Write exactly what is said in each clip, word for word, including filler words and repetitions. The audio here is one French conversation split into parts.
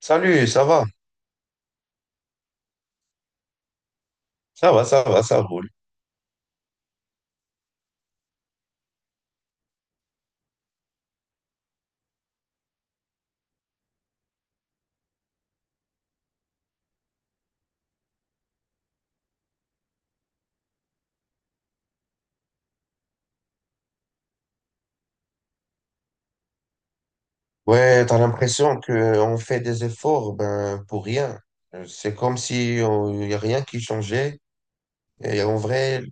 Salut, ça va? Ça va, ça va, ça roule. Ouais, t'as l'impression qu'on fait des efforts ben, pour rien. Euh, C'est comme si on- il n'y a rien qui changeait. Et en vrai,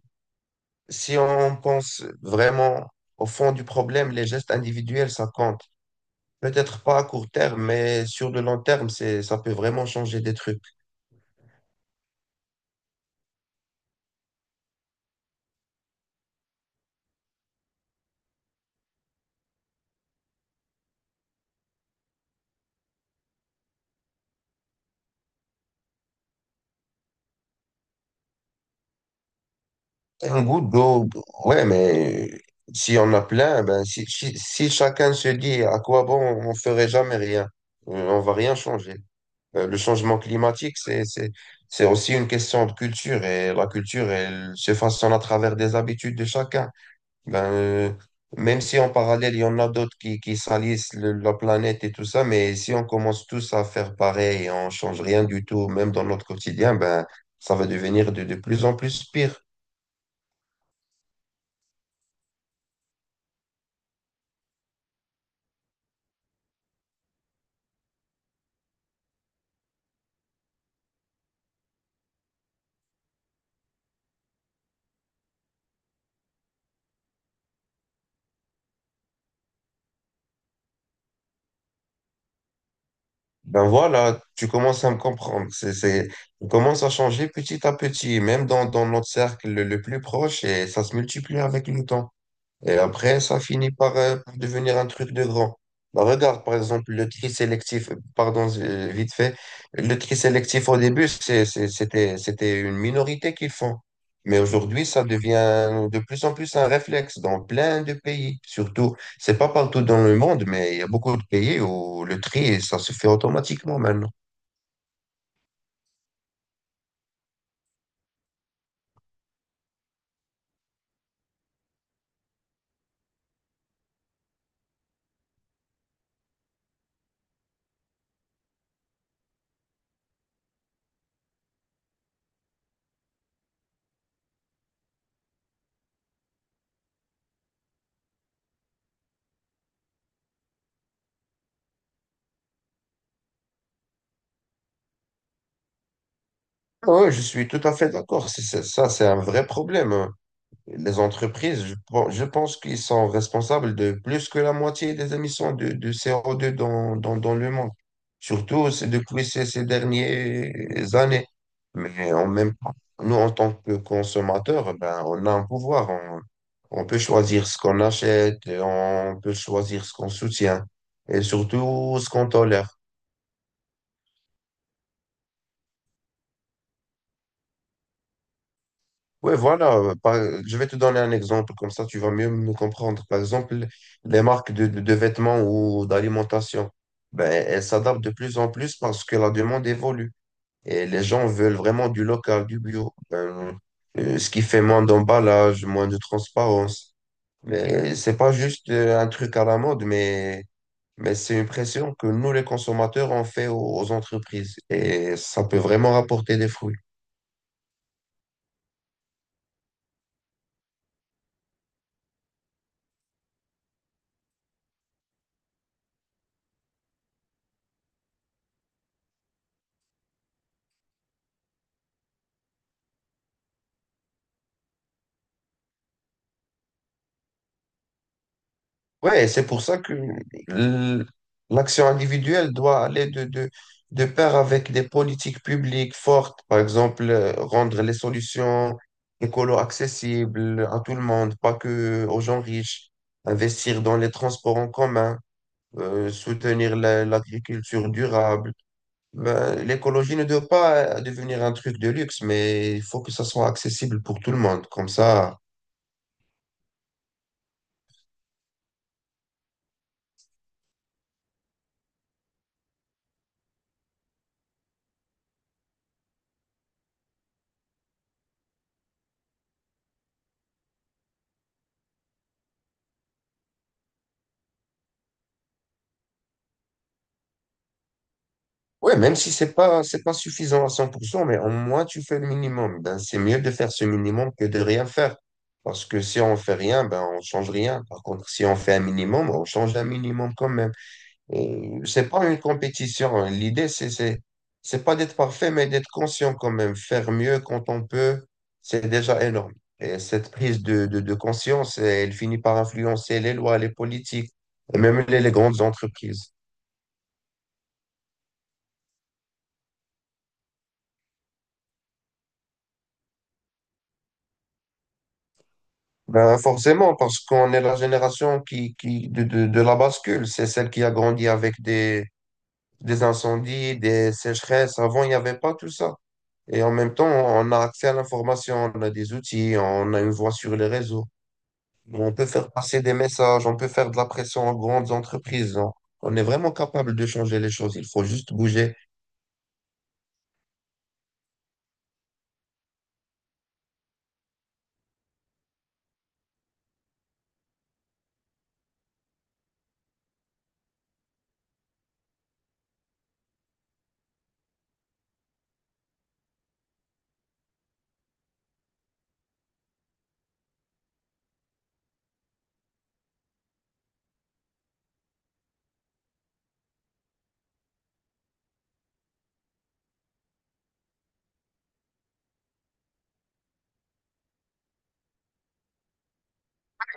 si on pense vraiment au fond du problème, les gestes individuels, ça compte. Peut-être pas à court terme, mais sur le long terme, c'est, ça peut vraiment changer des trucs. Un goutte d'eau, ouais, mais si on a plein, ben, si, si, si chacun se dit à quoi bon, on ferait jamais rien, Euh, on va rien changer. Euh, Le changement climatique, c'est, c'est, c'est aussi une question de culture et la culture, elle se façonne à travers des habitudes de chacun. Ben, euh, Même si en parallèle, il y en a d'autres qui, qui salissent le- la planète et tout ça, mais si on commence tous à faire pareil et on change rien du tout, même dans notre quotidien, ben, ça va devenir de de plus en plus pire. Ben voilà, tu commences à me comprendre. C'est, c'est, on commence à changer petit à petit, même dans, dans notre cercle le le plus proche et ça se multiplie avec le temps. Et après, ça finit par, euh, par devenir un truc de grand. Bah, regarde, par exemple, le tri sélectif, pardon, euh, vite fait, le tri sélectif au début, c'est- c'est- c'était, c'était une minorité qui le font. Mais aujourd'hui, ça devient de plus en plus un réflexe dans plein de pays. Surtout, c'est pas partout dans le monde, mais il y a beaucoup de pays où le tri, ça se fait automatiquement maintenant. Oui, je suis tout à fait d'accord. C'est- c'est- Ça, c'est un vrai problème. Les entreprises, je, pen- je pense qu'ils sont responsables de plus que la moitié des émissions de, de C O deux dans, dans, dans le monde. Surtout c'est depuis ces, ces dernières années. Mais en même temps, nous, en tant que consommateurs, ben, on a un pouvoir. On, on peut choisir ce qu'on achète, on peut choisir ce qu'on soutient et surtout ce qu'on tolère. Ouais voilà. Euh, par- je vais te donner un exemple, comme ça tu vas mieux me comprendre. Par exemple, les marques de, de- de vêtements ou d'alimentation, ben, elles s'adaptent de plus en plus parce que la demande évolue et les gens veulent vraiment du local, du bio. Ben, euh, ce qui fait moins d'emballage, moins de transparence. Mais c'est pas juste euh, un truc à la mode, mais, mais c'est une pression que nous, les consommateurs, on fait aux aux entreprises et ça peut vraiment rapporter des fruits. Ouais, c'est pour ça que l- l'action individuelle doit aller de, de, de pair avec des politiques publiques fortes. Par exemple, euh, rendre les solutions écolo accessibles à tout le monde, pas que aux gens riches. Investir dans les transports en commun, euh, soutenir la- l'agriculture durable. Ben, l'écologie ne doit pas euh, devenir un truc de luxe, mais il faut que ça soit accessible pour tout le monde. Comme ça, ouais, même si c'est pas, c'est pas suffisant à cent pour cent, mais au moins tu fais le minimum. Ben, c'est mieux de faire ce minimum que de rien faire. Parce que si on fait rien, ben, on change rien. Par contre, si on fait un minimum, on change un minimum quand même. Et c'est pas une compétition. L'idée, c'est, c'est, c'est pas d'être parfait, mais d'être conscient quand même. Faire mieux quand on peut, c'est déjà énorme. Et cette prise de, de, de conscience, elle finit par influencer les lois, les politiques et même les les grandes entreprises. Ben, forcément, parce qu'on est la génération qui, qui, de, de, de la bascule. C'est celle qui a grandi avec des, des incendies, des sécheresses. Avant, il n'y avait pas tout ça. Et en même temps, on a accès à l'information, on a des outils, on a une voix sur les réseaux. On peut faire passer des messages, on peut faire de la pression aux grandes entreprises. On, on est vraiment capable de changer les choses. Il faut juste bouger.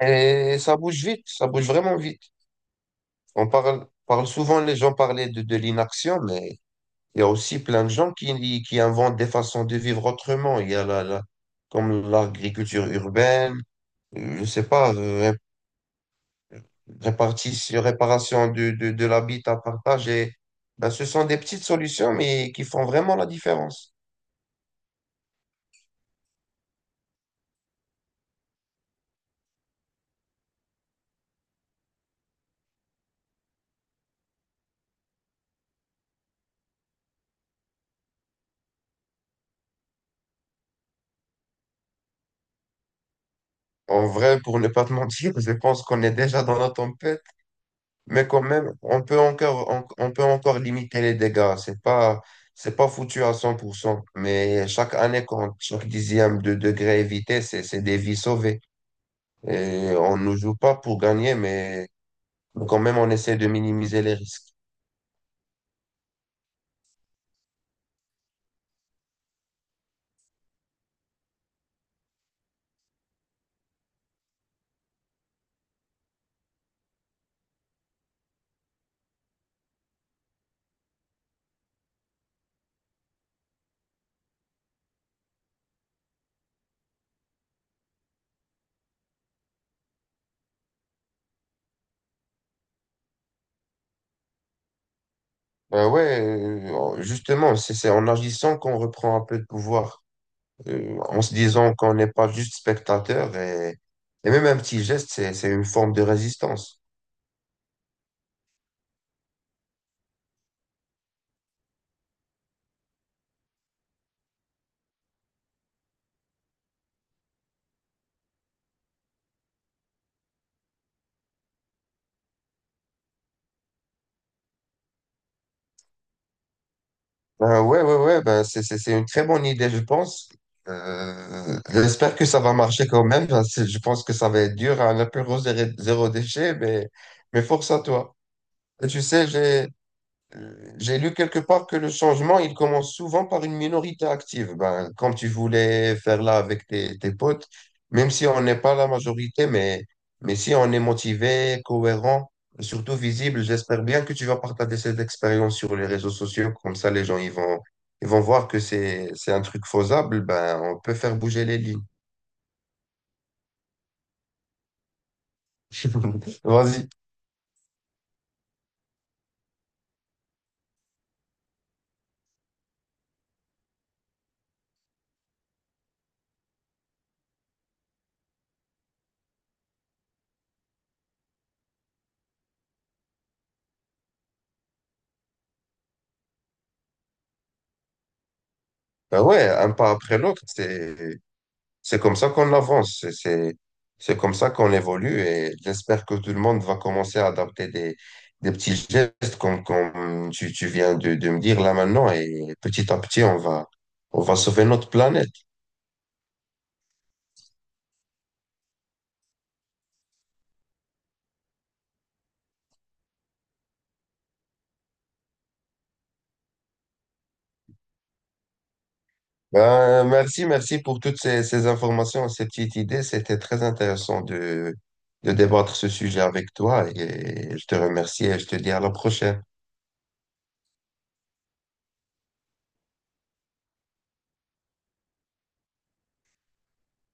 Et ça bouge vite, ça bouge vraiment vite. On parle, parle souvent, les gens parlaient de, de l'inaction, mais il y a aussi plein de gens qui, qui inventent des façons de vivre autrement. Il y a la, la- comme l'agriculture urbaine, euh, je sais pas, euh, ré- répartition, réparation de, de, de l'habitat partagé. Ben, ce sont des petites solutions, mais qui font vraiment la différence. En vrai, pour ne pas te mentir, je pense qu'on est déjà dans la tempête, mais quand même, on peut encore, on, on peut encore limiter les dégâts. C'est pas, c'est pas foutu à cent pour cent mais chaque année compte, chaque dixième de degré évité, c'est, c'est des vies sauvées. Et on ne joue pas pour gagner, mais quand même, on essaie de minimiser les risques. Ben ouais, euh, justement, c'est c'est en agissant qu'on reprend un peu de pouvoir. Euh, en se disant qu'on n'est pas juste spectateur et, et même un petit geste, c'est, c'est une forme de résistance. Ben ouais, ouais, ouais, ben c'est, c'est, c'est une très bonne idée, je pense. Euh, j'espère que ça va marcher quand même. Ben, c'est- Je pense que ça va être dur à un apéro zéro, zéro déchet, mais, mais force à toi. Et tu sais, j'ai, euh, j'ai lu quelque part que le changement, il commence souvent par une minorité active. Ben, comme tu voulais faire là avec tes, tes potes, même si on n'est pas la majorité, mais, mais si on est motivé, cohérent, surtout visible, j'espère bien que tu vas partager cette expérience sur les réseaux sociaux. Comme ça, les gens, ils vont, ils vont voir que c'est, c'est un truc faisable. Ben, on peut faire bouger les lignes. Vas-y. Ben ouais, un pas après l'autre, c'est, c'est comme ça qu'on avance, c'est c'est- c'est comme ça qu'on évolue et j'espère que tout le monde va commencer à adapter des, des petits gestes comme, comme tu, tu viens de, de me dire là maintenant et petit à petit on va, on va sauver notre planète. Ben, merci, merci pour toutes ces, ces informations, ces petites idées. C'était très intéressant de, de débattre ce sujet avec toi et je te remercie et je te dis à la prochaine.